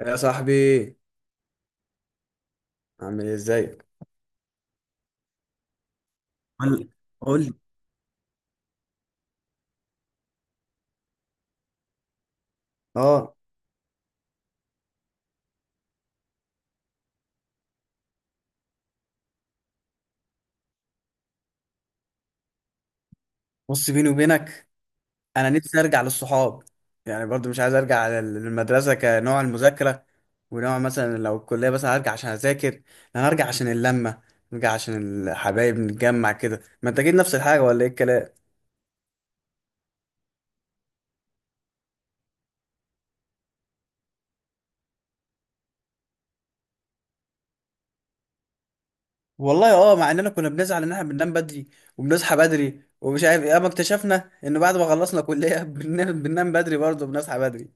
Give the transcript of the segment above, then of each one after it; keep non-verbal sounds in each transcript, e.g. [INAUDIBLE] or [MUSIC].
يا صاحبي، عامل ايه؟ ازيك؟ قول. قول لي. اه، بص بيني وبينك، انا نفسي ارجع للصحاب. يعني برضو مش عايز ارجع للمدرسه كنوع المذاكره، ونوع مثلا لو الكليه بس هرجع عشان اذاكر. انا هرجع عشان اللمه، نرجع عشان الحبايب نتجمع كده. ما انت اكيد نفس الحاجه، ولا ايه الكلام؟ والله اه، مع اننا كنا بنزعل ان احنا بننام بدري وبنصحى بدري ومش عارف ايه، اما اكتشفنا ان بعد ما خلصنا كليه [LAUGHS] بننام بدري برضه وبنصحى بدري.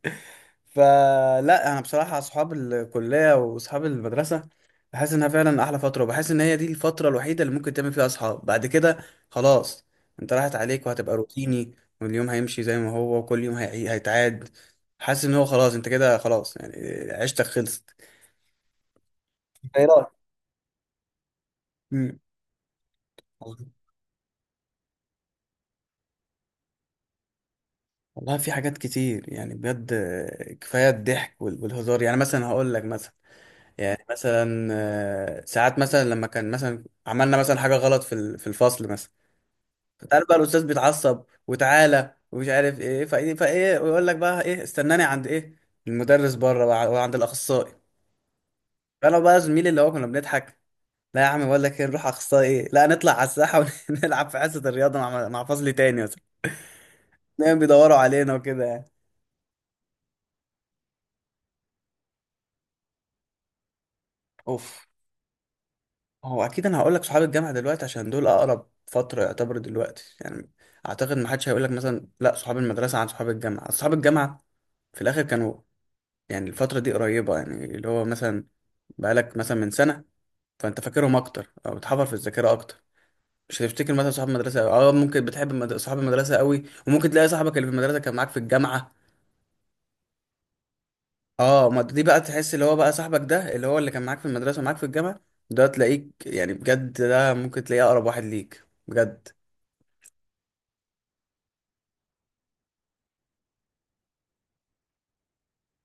فلا، انا بصراحه اصحاب الكليه واصحاب المدرسه بحس انها فعلا احلى فتره، وبحس ان هي دي الفتره الوحيده اللي ممكن تعمل فيها اصحاب بعد كده. خلاص، انت راحت عليك وهتبقى روتيني، واليوم هيمشي زي ما هو، وكل يوم هيتعاد. حاسس ان هو خلاص، انت كده خلاص، يعني عشتك خلصت. ايه رأيك؟ مم. والله في حاجات كتير يعني، بجد كفايه الضحك والهزار. يعني مثلا هقول لك مثلا، يعني مثلا ساعات مثلا لما كان مثلا عملنا مثلا حاجه غلط في الفصل مثلا. فتعالى بقى الاستاذ بيتعصب وتعالى ومش عارف ايه فايه، ويقول لك بقى ايه، استناني عند ايه، المدرس بره بقى وعند الاخصائي. فانا بقى زميلي اللي هو كنا بنضحك، لا يا عم بقول لك ايه، نروح اخصائي ايه، لا نطلع على الساحه ونلعب [LAUGHS] في حصه الرياضه مع مع فصل تاني مثلا. دايما بيدوروا علينا وكده يعني. اوف، هو اكيد انا هقول لك صحاب الجامعه دلوقتي، عشان دول اقرب فتره يعتبر دلوقتي يعني. اعتقد ما حدش هيقول لك مثلا لا صحاب المدرسه عن صحاب الجامعه. صحاب الجامعه في الاخر كانوا، يعني الفترة دي قريبة يعني، اللي هو مثلا بقالك مثلا من سنة، فأنت فاكرهم أكتر أو بتحفر في الذاكرة أكتر. مش هتفتكر مثلا صحاب المدرسة أوي. أه ممكن بتحب صحاب المدرسة أوي، وممكن تلاقي صاحبك اللي في المدرسة كان معاك في الجامعة. أه، ما دي بقى تحس اللي هو بقى صاحبك ده اللي هو اللي كان معاك في المدرسة ومعاك في الجامعة، ده تلاقيك يعني بجد ده ممكن تلاقيه أقرب واحد ليك بجد.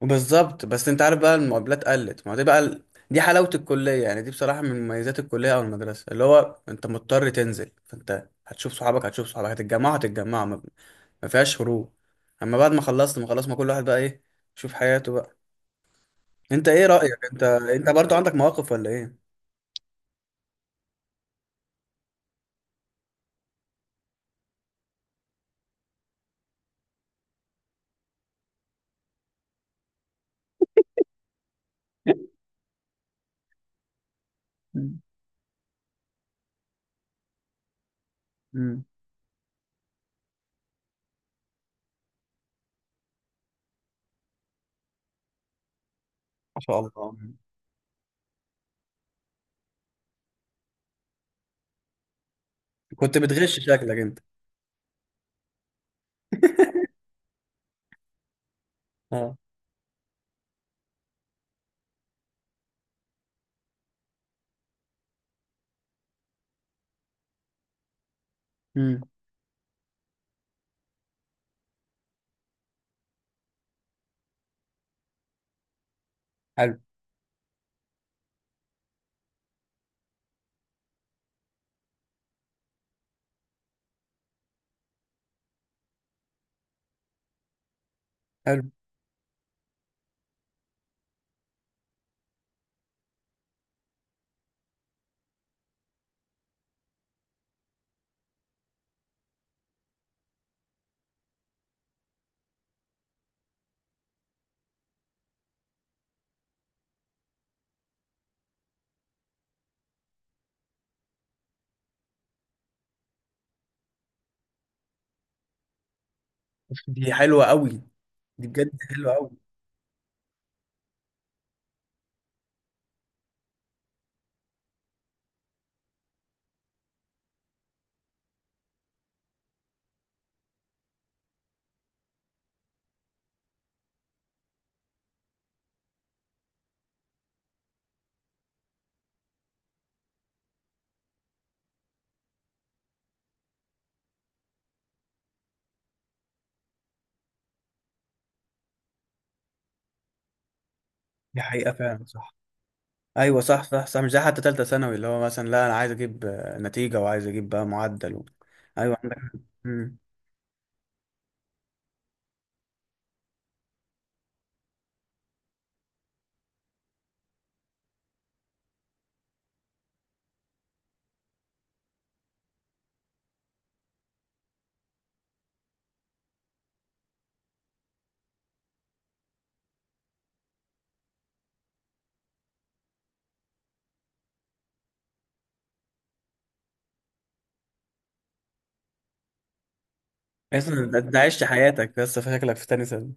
بالظبط، بس انت عارف بقى المقابلات قلت. ما هو دي بقى دي حلاوة الكلية يعني، دي بصراحة من مميزات الكلية او المدرسة، اللي هو انت مضطر تنزل، فانت هتشوف صحابك، هتشوف صحابك، هتتجمعوا هتتجمعوا، ما فيهاش هروب. اما بعد ما خلصت، ما خلاص، ما كل واحد بقى ايه، يشوف حياته بقى. انت، ايه رأيك؟ انت برضو عندك مواقف ولا ايه؟ [LAUGHS] مم. مم. ما شاء الله. كنت بتغش شكلك انت؟ اه. مم. حلو. حلو. دي حلوة قوي. دي بجد حلوة قوي. دي حقيقة فعلا صح. ايوه صح صح صح. مش زي حتى تالتة ثانوي، اللي هو مثلا لا انا عايز اجيب نتيجة، وعايز اجيب بقى معدل ايوه عندك. امم اصلا انت، أنت عشت حياتك بس، فشكلك في تاني ثانوي.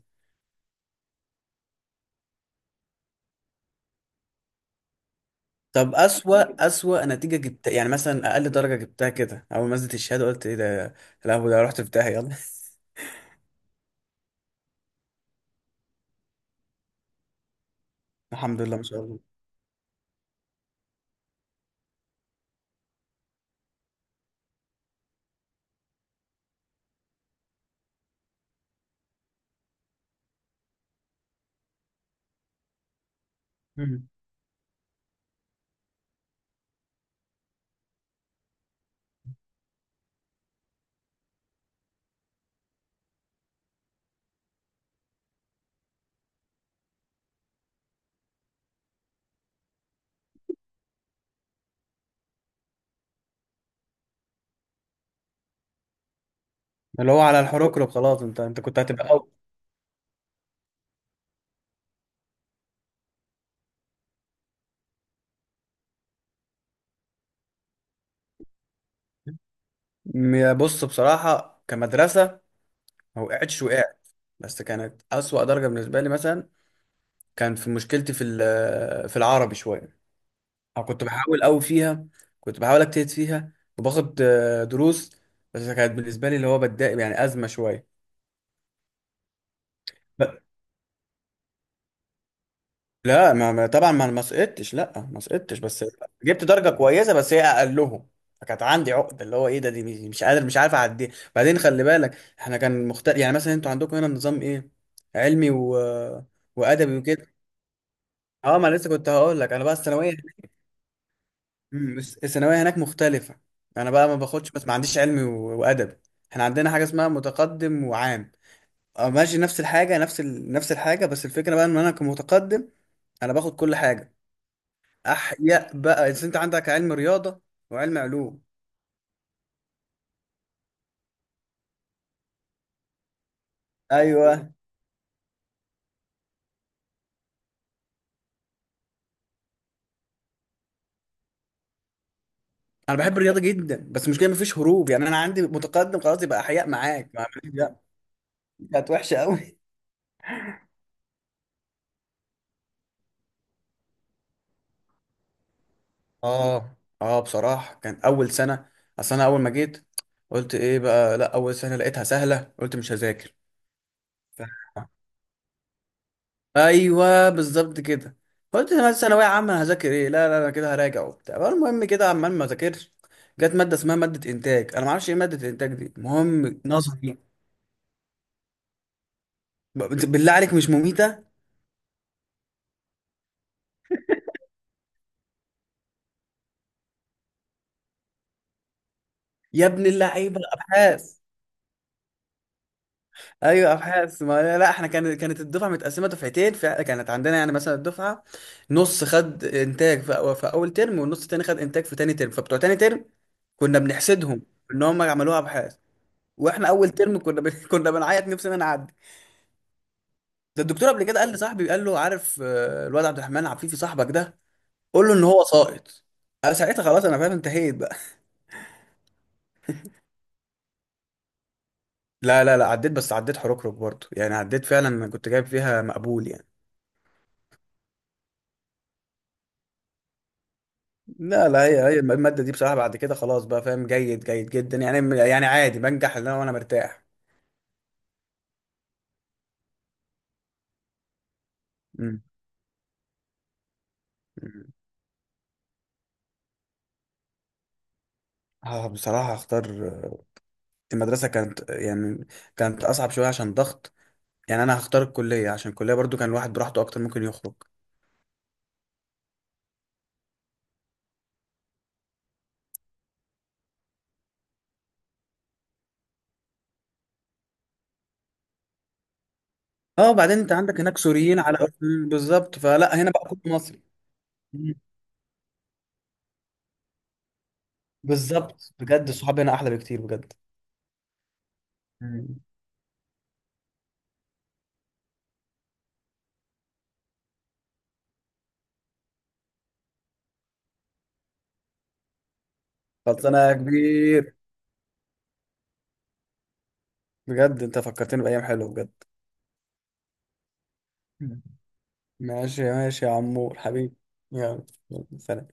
طب اسوأ نتيجة جبت يعني، مثلا اقل درجة جبتها كده اول ما نزلت الشهادة قلت ايه ده، لا هو ده رحت في داهية، يلا. [LAUGHS] الحمد لله ما شاء الله. مم. اللي هو على الحروكرو خلاص، انت كنت هتبقى أول. بص بصراحة كمدرسة، ما وقعتش. وقعت بس كانت أسوأ درجة بالنسبة لي مثلا، كان في مشكلتي في العربي شوية، أو كنت بحاول أوي فيها، كنت بحاول أجتهد فيها، وباخد دروس. بس كانت بالنسبة لي اللي هو بتضايق، يعني أزمة شوية. ب- لا طبعا ما سقطتش، لا ما سقطتش، بس جبت درجة كويسة بس هي أقلهم. فكانت عندي عقدة، اللي هو إيه ده، دي مش مش قادر مش عارف أعديها. بعدين خلي بالك، إحنا كان مختلف، يعني مثلا أنتوا عندكم هنا نظام إيه، علمي وأدبي وكده. أه، ما أنا لسه كنت هقول لك، أنا بقى الثانوية بس الثانويه هناك مختلفه. انا بقى ما باخدش، بس ما عنديش علمي وادبي. احنا عندنا حاجه اسمها متقدم وعام. اه ماشي، نفس الحاجه، نفس نفس الحاجه، بس الفكره بقى ان انا كمتقدم، انا باخد كل حاجه. احياء بقى إذا انت عندك علم رياضه وعلم علوم. ايوه، انا بحب الرياضه جدا، بس مش كده مفيش هروب. يعني انا عندي متقدم خلاص، يبقى احياء معاك. [LAUGHS] ما عملتش لا، كانت وحشه قوي. اه. اه بصراحه، كان اول سنه، اصل انا اول ما جيت قلت ايه بقى، لا اول سنه لقيتها سهله، قلت مش هذاكر. ف- ايوه بالظبط كده. قلت انا بس ثانويه عامه هذاكر ايه، لا لا انا كده هراجع وبتاع، المهم كده عمال ما ذاكرش. جت ماده اسمها ماده انتاج، انا ما اعرفش ايه ماده انتاج دي، المهم نظري. ب- بالله عليك، مش مميته؟ يا ابن اللعيبه، ابحاث. ايوه ابحاث، ما لا، لا احنا كانت كانت الدفعه متقسمه دفعتين، فكانت عندنا يعني مثلا الدفعه نص خد انتاج في، في اول ترم، والنص التاني خد انتاج في تاني ترم. فبتوع تاني ترم كنا بنحسدهم ان هم عملوها ابحاث، واحنا اول ترم كنا [LAUGHS] كنا بنعيط نفسنا نعدي. ده الدكتور قبل كده قال لصاحبي، قال له عارف الواد عبد الرحمن عفيفي صاحبك ده، قول له ان هو ساقط. انا ساعتها خلاص انا فاهم انتهيت بقى. لا لا لا، عديت بس، عديت حركرك برضه يعني، عديت فعلا، انا كنت جايب فيها مقبول يعني. لا لا، هي الماده دي بصراحه بعد كده خلاص بقى فاهم جيد جدا يعني، يعني عادي بنجح، اللي انا وانا مرتاح. مم. مم. اه بصراحه هختار. المدرسه كانت يعني كانت اصعب شويه عشان ضغط. يعني انا هختار الكليه، عشان الكليه برضو كان الواحد براحته اكتر، ممكن يخرج. اه بعدين انت عندك هناك سوريين على بالظبط، فلا هنا بقى كله مصري. مم. بالظبط بجد، الصحاب هنا احلى بكتير بجد. مم. خلصانه يا كبير، بجد انت فكرتني بايام حلوه بجد. مم. ماشي ماشي يا عمور حبيبي. يلا. يلا، سلام.